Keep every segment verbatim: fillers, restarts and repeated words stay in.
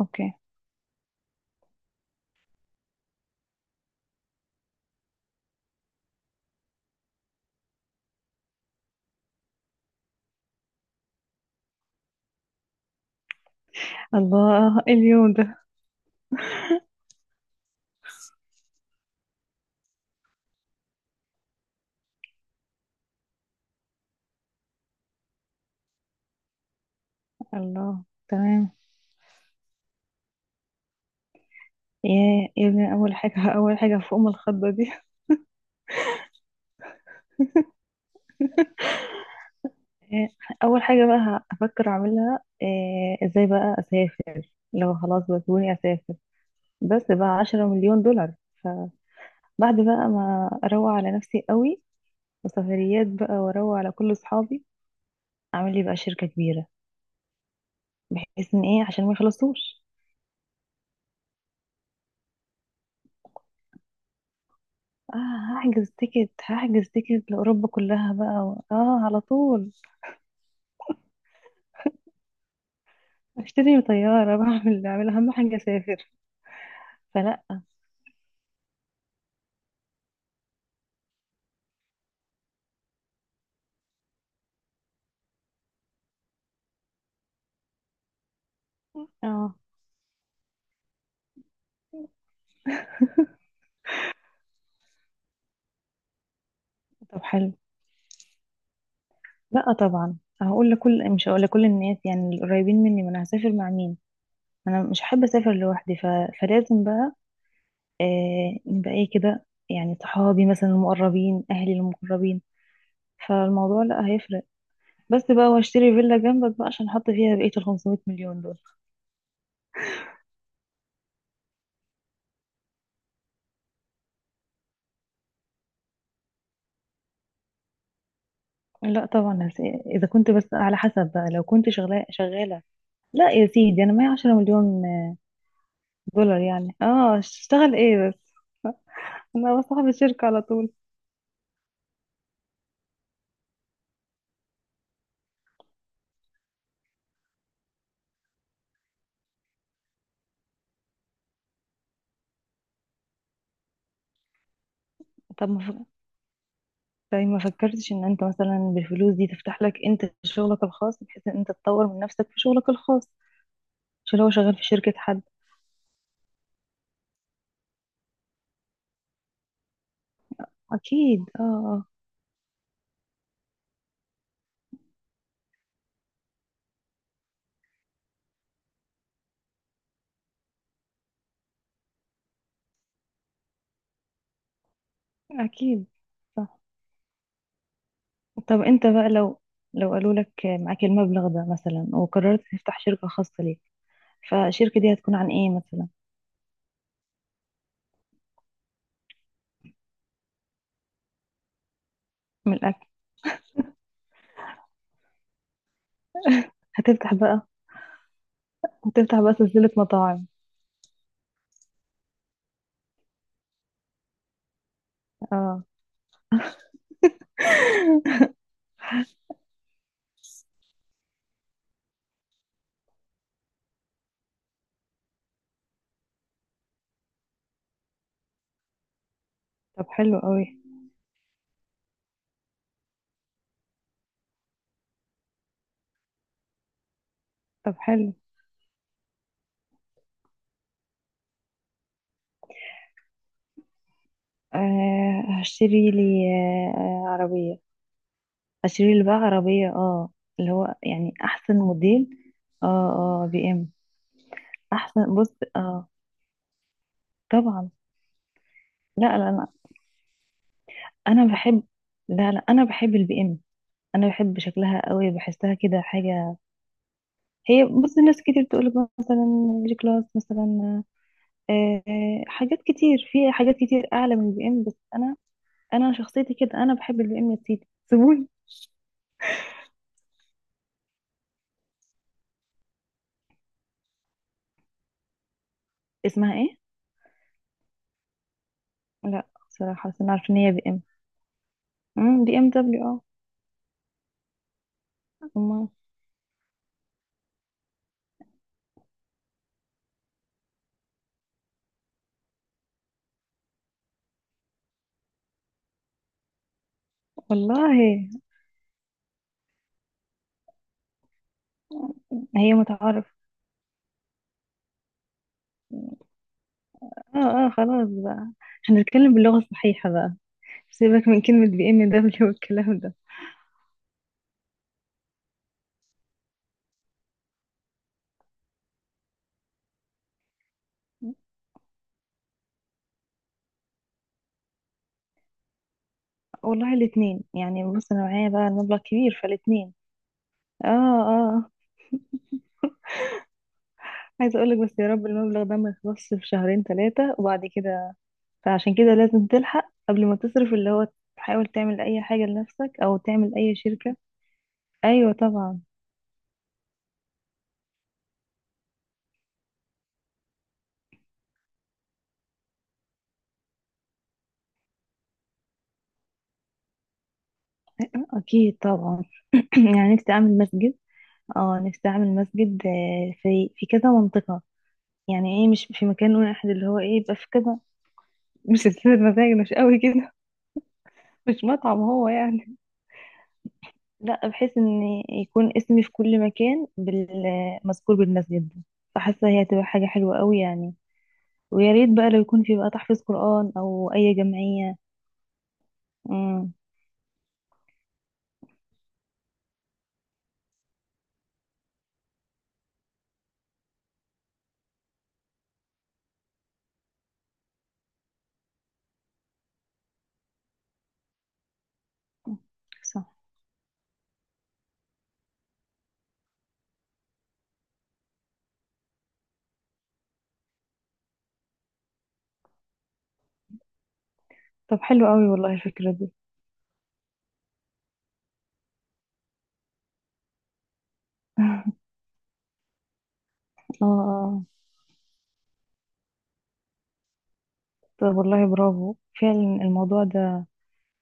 اوكي. الله، إيه اليوم ده؟ الله، تمام. يا يا ابني، اول حاجه اول حاجه فوق ام الخضه دي. إيه، اول حاجه بقى هفكر اعملها إيه، ازاي بقى اسافر لو خلاص بسوني اسافر. بس بقى عشرة مليون دولار، فبعد بقى ما اروق على نفسي قوي وسفريات بقى، واروق على كل اصحابي، اعمل لي بقى شركه كبيره بحيث ان ايه عشان ما يخلصوش. اه، هحجز تيكت هحجز تيكت لاوروبا كلها بقى، و... اه على طول. اشتري طيارة بعمل بعمل اهم حاجة اسافر. فلا. اه، طب حلو. لا طبعا، هقول لكل مش هقول لكل الناس، يعني القريبين مني، ما انا هسافر مع مين؟ انا مش هحب اسافر لوحدي، ف... فلازم بقى آه نبقى ايه كده، يعني صحابي مثلا المقربين، اهلي المقربين، فالموضوع لا هيفرق. بس بقى، واشتري فيلا جنبك بقى عشان احط فيها بقية ال خمسمية مليون دول. لا طبعا، هس- اذا كنت، بس على حسب بقى لو كنت شغاله شغاله. لا يا سيدي، انا معايا عشرة مليون دولار، يعني اه، اشتغل ايه بس؟ انا بس صاحب الشركة على طول. طب ما ف- طيب ما فكرتش ان انت مثلا بالفلوس دي تفتح لك انت شغلك الخاص، بحيث ان انت تطور من نفسك في شغلك الخاص، مش اللي هو شغال في شركة حد؟ اكيد، اه اه. اكيد، صح. طب انت بقى لو لو قالوا لك معاك المبلغ ده مثلا وقررت تفتح شركة خاصة ليك، فالشركة دي هتكون عن ايه مثلا؟ من الاكل. هتفتح بقى هتفتح بقى سلسلة مطاعم؟ اه، طب حلو قوي. طب حلو. آه، هشتري لي، آه آه، عربية. هشتري لي بقى عربية، اه، اللي هو يعني أحسن موديل. اه اه، بي ام. أحسن بص، اه، طبعا. لا لا، أنا، أنا بحب، لا لا، أنا بحب البي ام. أنا بحب شكلها قوي، بحسها كده حاجة. هي بص، ناس كتير تقولك مثلا جي كلاس مثلا، آه آه، حاجات كتير، في حاجات كتير أعلى من البي ام، بس أنا، أنا شخصيتي كده، أنا بحب البي ام، يا سيدي سيبوني. اسمها ايه؟ لا بصراحة، بس أنا عارفة إن هي بي ام. امم بي ام دبليو، اه. أما- والله. هي متعارف. اه اه، خلاص بقى، احنا نتكلم باللغة الصحيحة بقى. سيبك من كلمة بي ام دبليو والكلام ده. والله الاتنين يعني، بص انا معايا بقى المبلغ كبير، فالاتنين. اه اه. عايزة اقولك، بس يا رب المبلغ ده ما يخلصش في شهرين ثلاثة وبعد كده، فعشان كده لازم تلحق قبل ما تصرف اللي هو، تحاول تعمل اي حاجة لنفسك او تعمل اي شركة. ايوه طبعا. اكيد طبعا. يعني نفسي اعمل مسجد. اه، نفسي اعمل مسجد، آه، في في كذا منطقة، يعني ايه؟ مش في مكان واحد، اللي هو ايه، يبقى في كذا. مش هتسافر؟ مزاج مش قوي كده. مش مطعم هو يعني. لا، بحيث ان يكون اسمي في كل مكان، بال- مذكور بالمسجد ده، فحاسة هي هتبقى حاجة حلوة قوي يعني. ويا ريت بقى لو يكون في بقى تحفيظ قرآن او اي جمعية. امم. صح. طب حلو قوي والله الفكرة دي. اه اه. طب والله برافو. فعلا الموضوع ده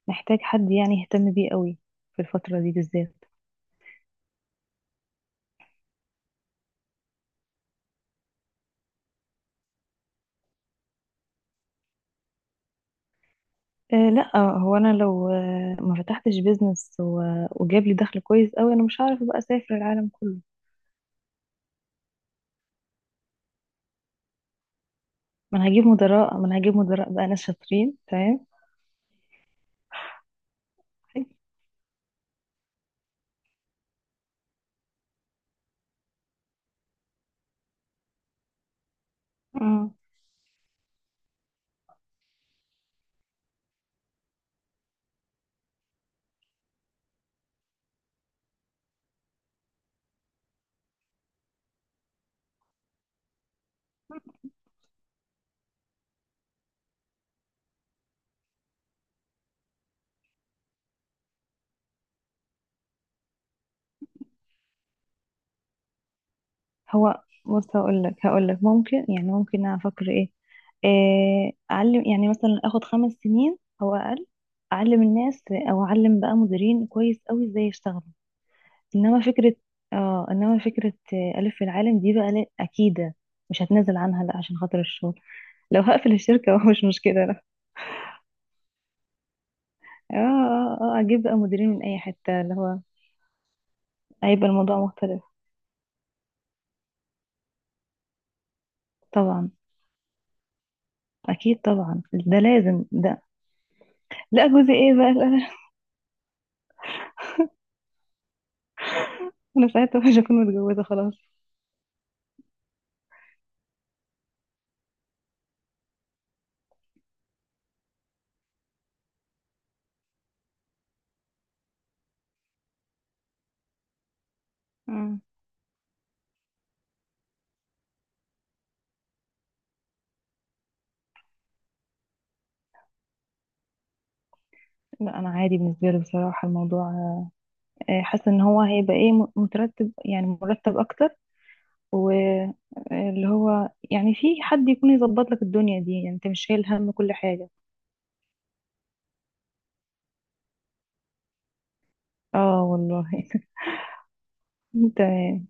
محتاج حد يعني يهتم بيه قوي في الفترة دي بالذات. أه لا، هو انا لو آه، ما فتحتش بيزنس و- وجاب لي دخل كويس قوي، انا مش هعرف بقى اسافر العالم كله. ما انا هجيب مدراء ما انا هجيب مدراء بقى ناس شاطرين تمام. امم. هو بص، هقول لك هقول لك ممكن، يعني ممكن أنا افكر ايه، آه، اعلم، يعني مثلا اخد خمس سنين او اقل اعلم الناس، او اعلم بقى مديرين كويس قوي ازاي يشتغلوا. انما فكرة، اه، انما فكرة آه، ألف في العالم دي بقى، لا أكيدة، مش هتنازل عنها لا عشان خاطر الشغل. لو هقفل الشركة هو مش مشكلة، لا. اه اه اه، آه، اجيب بقى مديرين من اي حتة، اللي هو هيبقى الموضوع مختلف. طبعا، اكيد طبعا، ده لازم ده. لا جوزي ايه بقى، لا لا. انا ساعتها مش هكون متجوزة خلاص. مم. لا انا عادي بالنسبة لي بصراحة الموضوع، آه، حاسة ان هو هيبقى ايه، م- مترتب، يعني مرتب اكتر، واللي هو يعني في حد يكون يظبط لك الدنيا دي، يعني انت مش شايل هم كل حاجة. اه والله. تمام.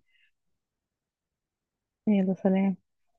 يلا سلام.